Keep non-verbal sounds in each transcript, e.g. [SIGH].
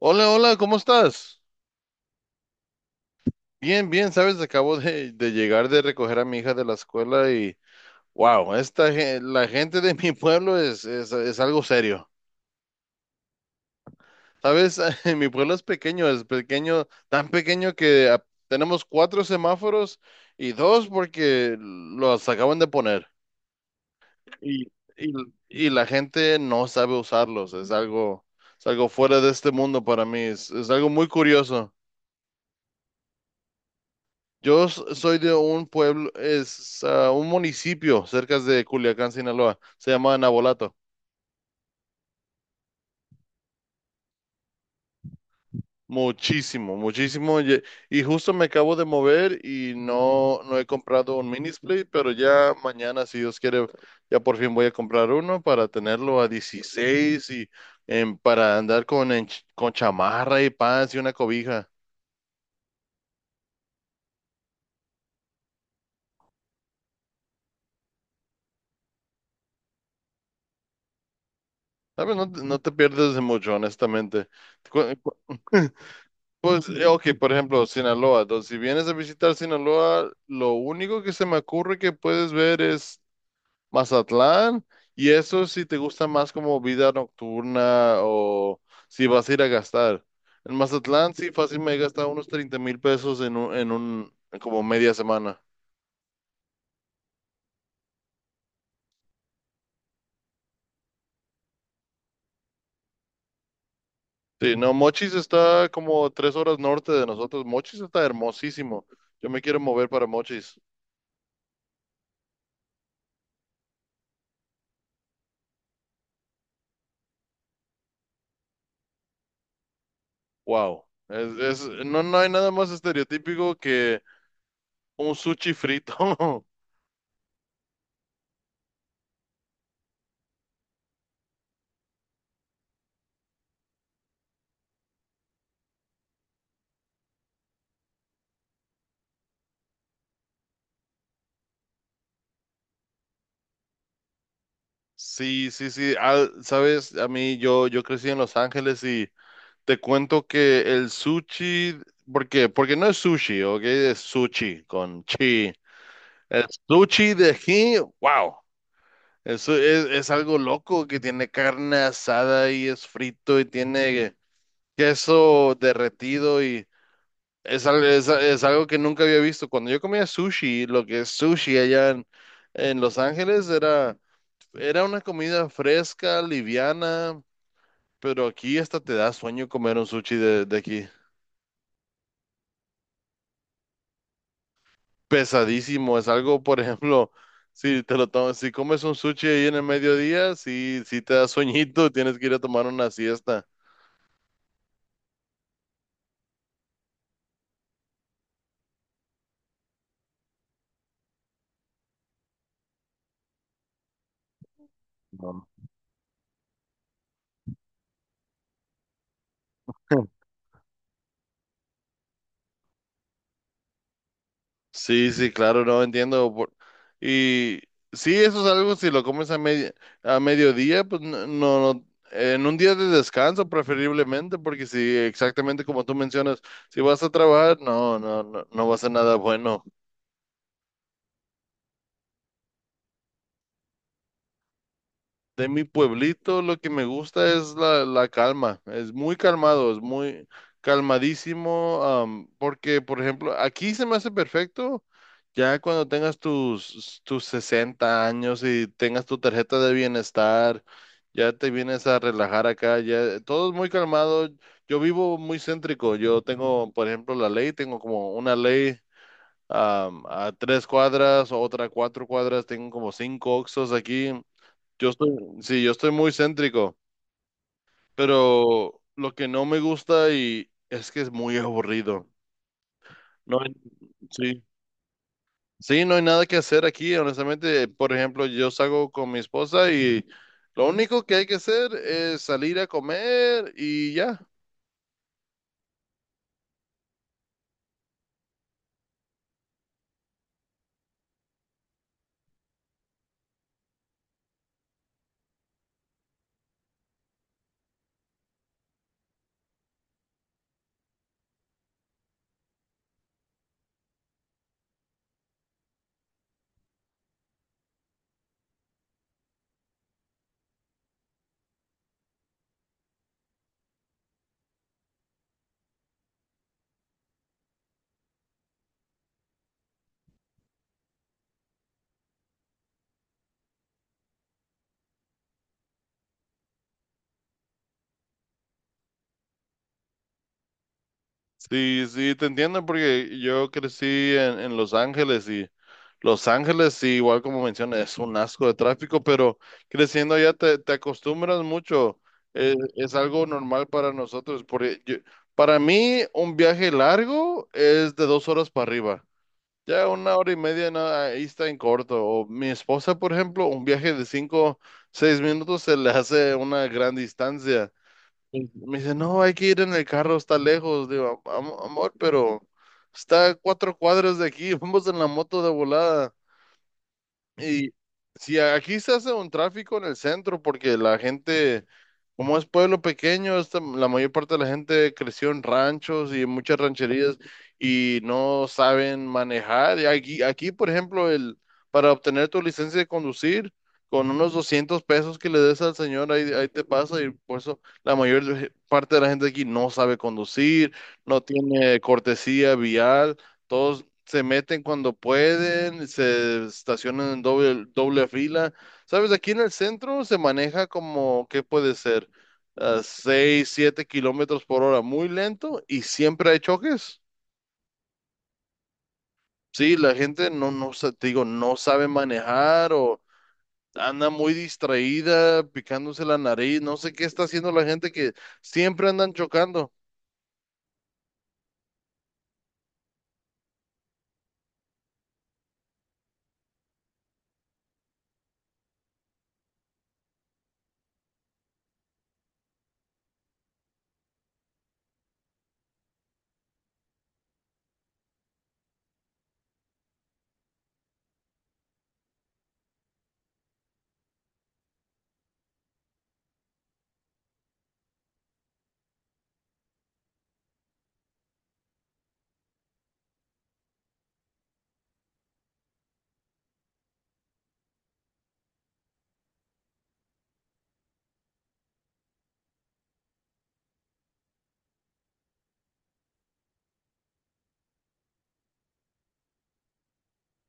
Hola, hola, ¿cómo estás? Bien, bien, sabes, acabo de llegar de recoger a mi hija de la escuela y wow, la gente de [LAUGHS] mi pueblo es algo serio. Sabes, [LAUGHS] mi pueblo es pequeño, tan pequeño que tenemos cuatro semáforos y dos porque los acaban de poner. Y, y, y la gente no sabe usarlos, es algo fuera de este mundo para mí, es algo muy curioso. Yo soy de un pueblo, es un municipio cerca de Culiacán, Sinaloa. Se llama Navolato. Muchísimo, muchísimo. Y justo me acabo de mover y no, no he comprado un mini split, pero ya mañana, si Dios quiere, ya por fin voy a comprar uno para tenerlo a 16 y para andar con chamarra y pants y una cobija. ¿Sabes? No, no te pierdes de mucho, honestamente. Cu- cu- [LAUGHS] Pues, ok, por ejemplo, Sinaloa. Entonces, si vienes a visitar Sinaloa, lo único que se me ocurre que puedes ver es Mazatlán, y eso si te gusta más como vida nocturna o si vas a ir a gastar. En Mazatlán, sí, fácil me he gastado unos 30,000 pesos en un, como media semana. Sí, no, Mochis está como 3 horas norte de nosotros. Mochis está hermosísimo. Yo me quiero mover para Mochis. Wow. No, no hay nada más estereotípico que un sushi frito. [LAUGHS] Sí, sí, sí. Ah, sabes, a mí yo crecí en Los Ángeles y te cuento que el sushi, ¿por qué? Porque no es sushi, ¿ok? Es sushi con chi. El sushi de aquí, wow. Eso es algo loco que tiene carne asada y es frito y tiene queso derretido y es algo que nunca había visto. Cuando yo comía sushi, lo que es sushi allá en, Los Ángeles era una comida fresca, liviana, pero aquí hasta te da sueño comer un sushi de aquí. Pesadísimo, es algo, por [LAUGHS] ejemplo, si te lo tomas, si comes un sushi ahí en el mediodía, sí, sí te da sueñito, tienes que ir a tomar una siesta. No. [LAUGHS] Sí, sí, claro, no entiendo. Y sí, eso es algo, si lo comes a mediodía, pues no, no, no- en un día de descanso preferiblemente, porque si exactamente como tú mencionas, si vas a trabajar, no, no, no, no va a ser nada bueno. De mi pueblito lo que me gusta es la calma, es muy calmado, es muy calmadísimo, porque por ejemplo, aquí se me hace perfecto ya cuando tengas tus 60 años y tengas tu tarjeta de bienestar, ya te vienes a relajar acá, ya todo es muy calmado, yo vivo muy céntrico, yo tengo por ejemplo la ley, tengo como una ley a 3 cuadras, otra a 4 cuadras, tengo como cinco oxos aquí. Yo estoy, sí, yo estoy muy céntrico, pero lo que no me gusta y es que es muy aburrido. No hay- sí. Sí, no hay nada que hacer aquí, honestamente. Por ejemplo, yo salgo con mi esposa y lo único que hay que hacer es salir a comer y ya. Sí, sí, te entiendo porque yo crecí en Los Ángeles y Los Ángeles, sí, igual como mencionas, es un asco de tráfico, pero creciendo allá te acostumbras mucho. Es algo normal para nosotros. Porque para mí, un viaje largo es de 2 horas para arriba. Ya una hora y media, no, ahí está en corto. O mi esposa, por ejemplo, un viaje de 5 o 6 minutos se le hace una gran distancia. Y me dice, no, hay que ir en el carro, está lejos. Digo, amor, pero está a 4 cuadras de aquí, [LAUGHS] vamos en la moto de volada. Y si aquí se hace un tráfico en el centro porque la gente, como es pueblo pequeño, la mayor parte de la gente creció en ranchos y en muchas rancherías y no saben manejar. Y aquí, por ejemplo, para obtener tu licencia de conducir, con unos 200 pesos que le des al señor, ahí, ahí te pasa. Y por eso la mayor parte de la gente aquí no sabe conducir, no tiene cortesía vial. Todos se meten cuando pueden, se estacionan en doble fila. Sabes, aquí en el centro se maneja como, ¿qué puede ser? A 6, 7 kilómetros por hora, muy lento y siempre hay choques. Sí, la gente no, no, te digo, no sabe manejar o anda muy distraída, picándose la nariz, no sé qué está haciendo la gente que siempre andan chocando.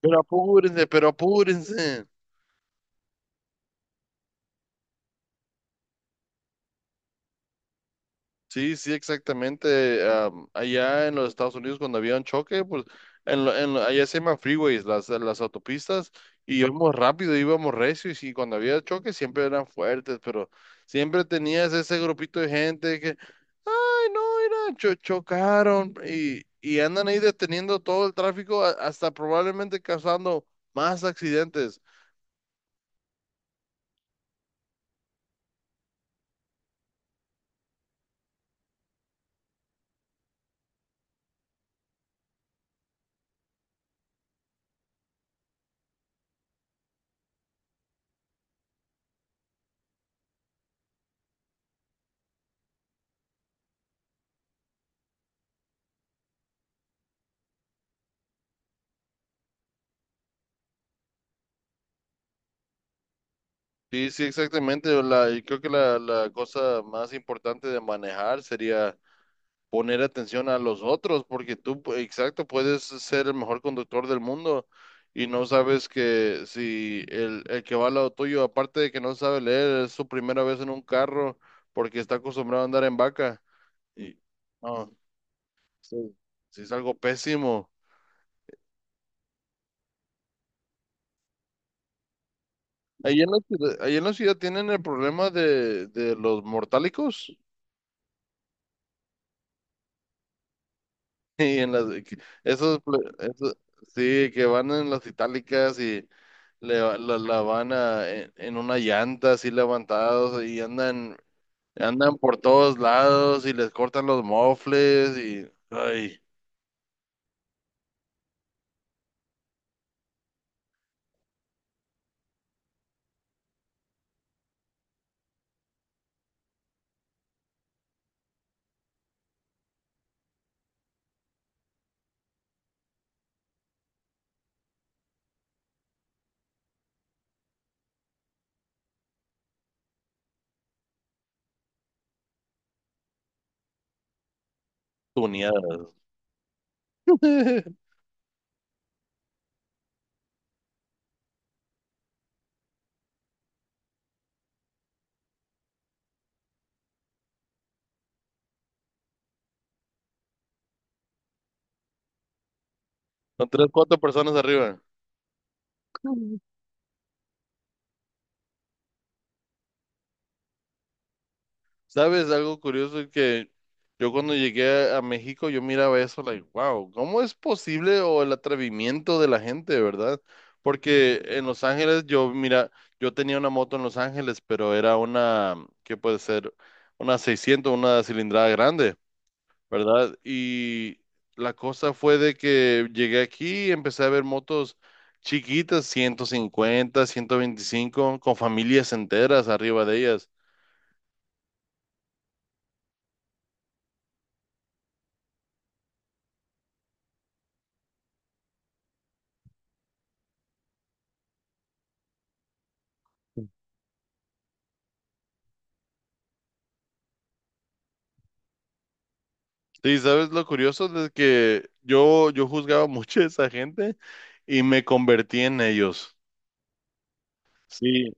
Pero apúrense, pero apúrense. Sí, sí, exactamente. Allá en los Estados Unidos cuando había un choque, pues allá se llaman freeways, las autopistas, y íbamos rápido, íbamos recio y sí, cuando había choques siempre eran fuertes, pero siempre tenías ese grupito de gente que, ay, no, mira, chocaron y andan ahí deteniendo todo el tráfico hasta probablemente causando más accidentes. Sí, sí, exactamente. Y creo que la cosa más importante de manejar sería poner atención a los otros, porque tú, exacto, puedes ser el mejor conductor del mundo y no sabes que si el que va al lado tuyo, aparte de que no sabe leer, es su primera vez en un carro porque está acostumbrado a andar en vaca. Y no, sí, sí es algo pésimo. Ahí en la ciudad, ahí en la ciudad tienen el problema de los mortálicos [LAUGHS] y en las, esos, sí, que van en las itálicas y la van en una llanta así levantados y andan por todos lados y les cortan los mofles y, ay, tuneada. [LAUGHS] Son tres, cuatro personas arriba. ¿Sabes? Algo curioso es que yo cuando llegué a México, yo miraba eso, like, wow, ¿cómo es posible? O el atrevimiento de la gente, ¿verdad? Porque en Los Ángeles, yo, mira, yo tenía una moto en Los Ángeles, pero era una, ¿qué puede ser? Una 600, una cilindrada grande. ¿Verdad? Y la cosa fue de que llegué aquí y empecé a ver motos chiquitas, 150, 125, con familias enteras arriba de ellas. Y sabes lo curioso de que yo juzgaba [LAUGHS] mucho a esa gente y me convertí en ellos. Sí.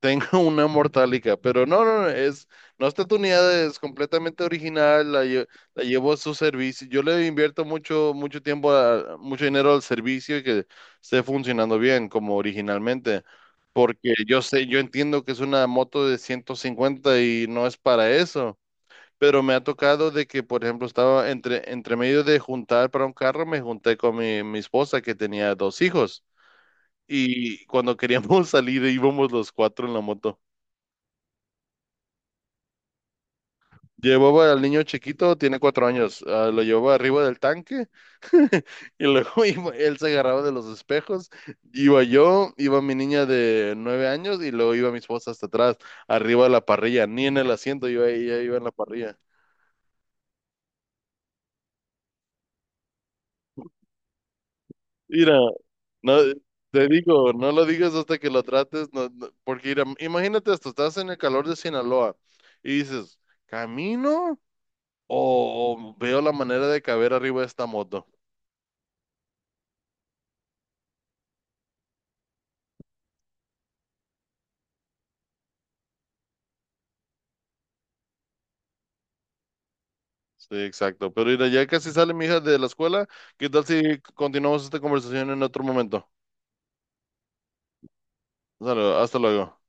Tengo [LAUGHS] una mortálica, pero no, no, no, es, no está tuneada, es completamente original, la llevo a su servicio. Yo le invierto mucho, mucho tiempo, mucho dinero al servicio y que esté funcionando bien como originalmente, porque yo sé, yo entiendo que es una moto de 150 y no es para eso, pero me ha tocado de que, por ejemplo, estaba entre medio de juntar para un carro, me junté con mi esposa que tenía dos hijos. Y cuando queríamos [LAUGHS] salir, íbamos los cuatro en la moto. Llevaba al niño chiquito, tiene 4 años, lo llevaba arriba del tanque y luego [LAUGHS] él se agarraba de los espejos, iba yo, iba mi niña de 9 años y luego iba mi esposa hasta atrás, arriba de la parrilla, ni en el asiento, yo ella iba en la parrilla. Mira, no, te digo, no lo digas hasta que lo trates, no, porque mira, imagínate esto, estás en el calor de Sinaloa y dices, ¿camino o veo la manera de caber arriba de esta moto? Sí, exacto. Pero mira, ya casi sale mi hija de la escuela. ¿Qué tal si continuamos esta conversación en otro momento? Sale, hasta luego.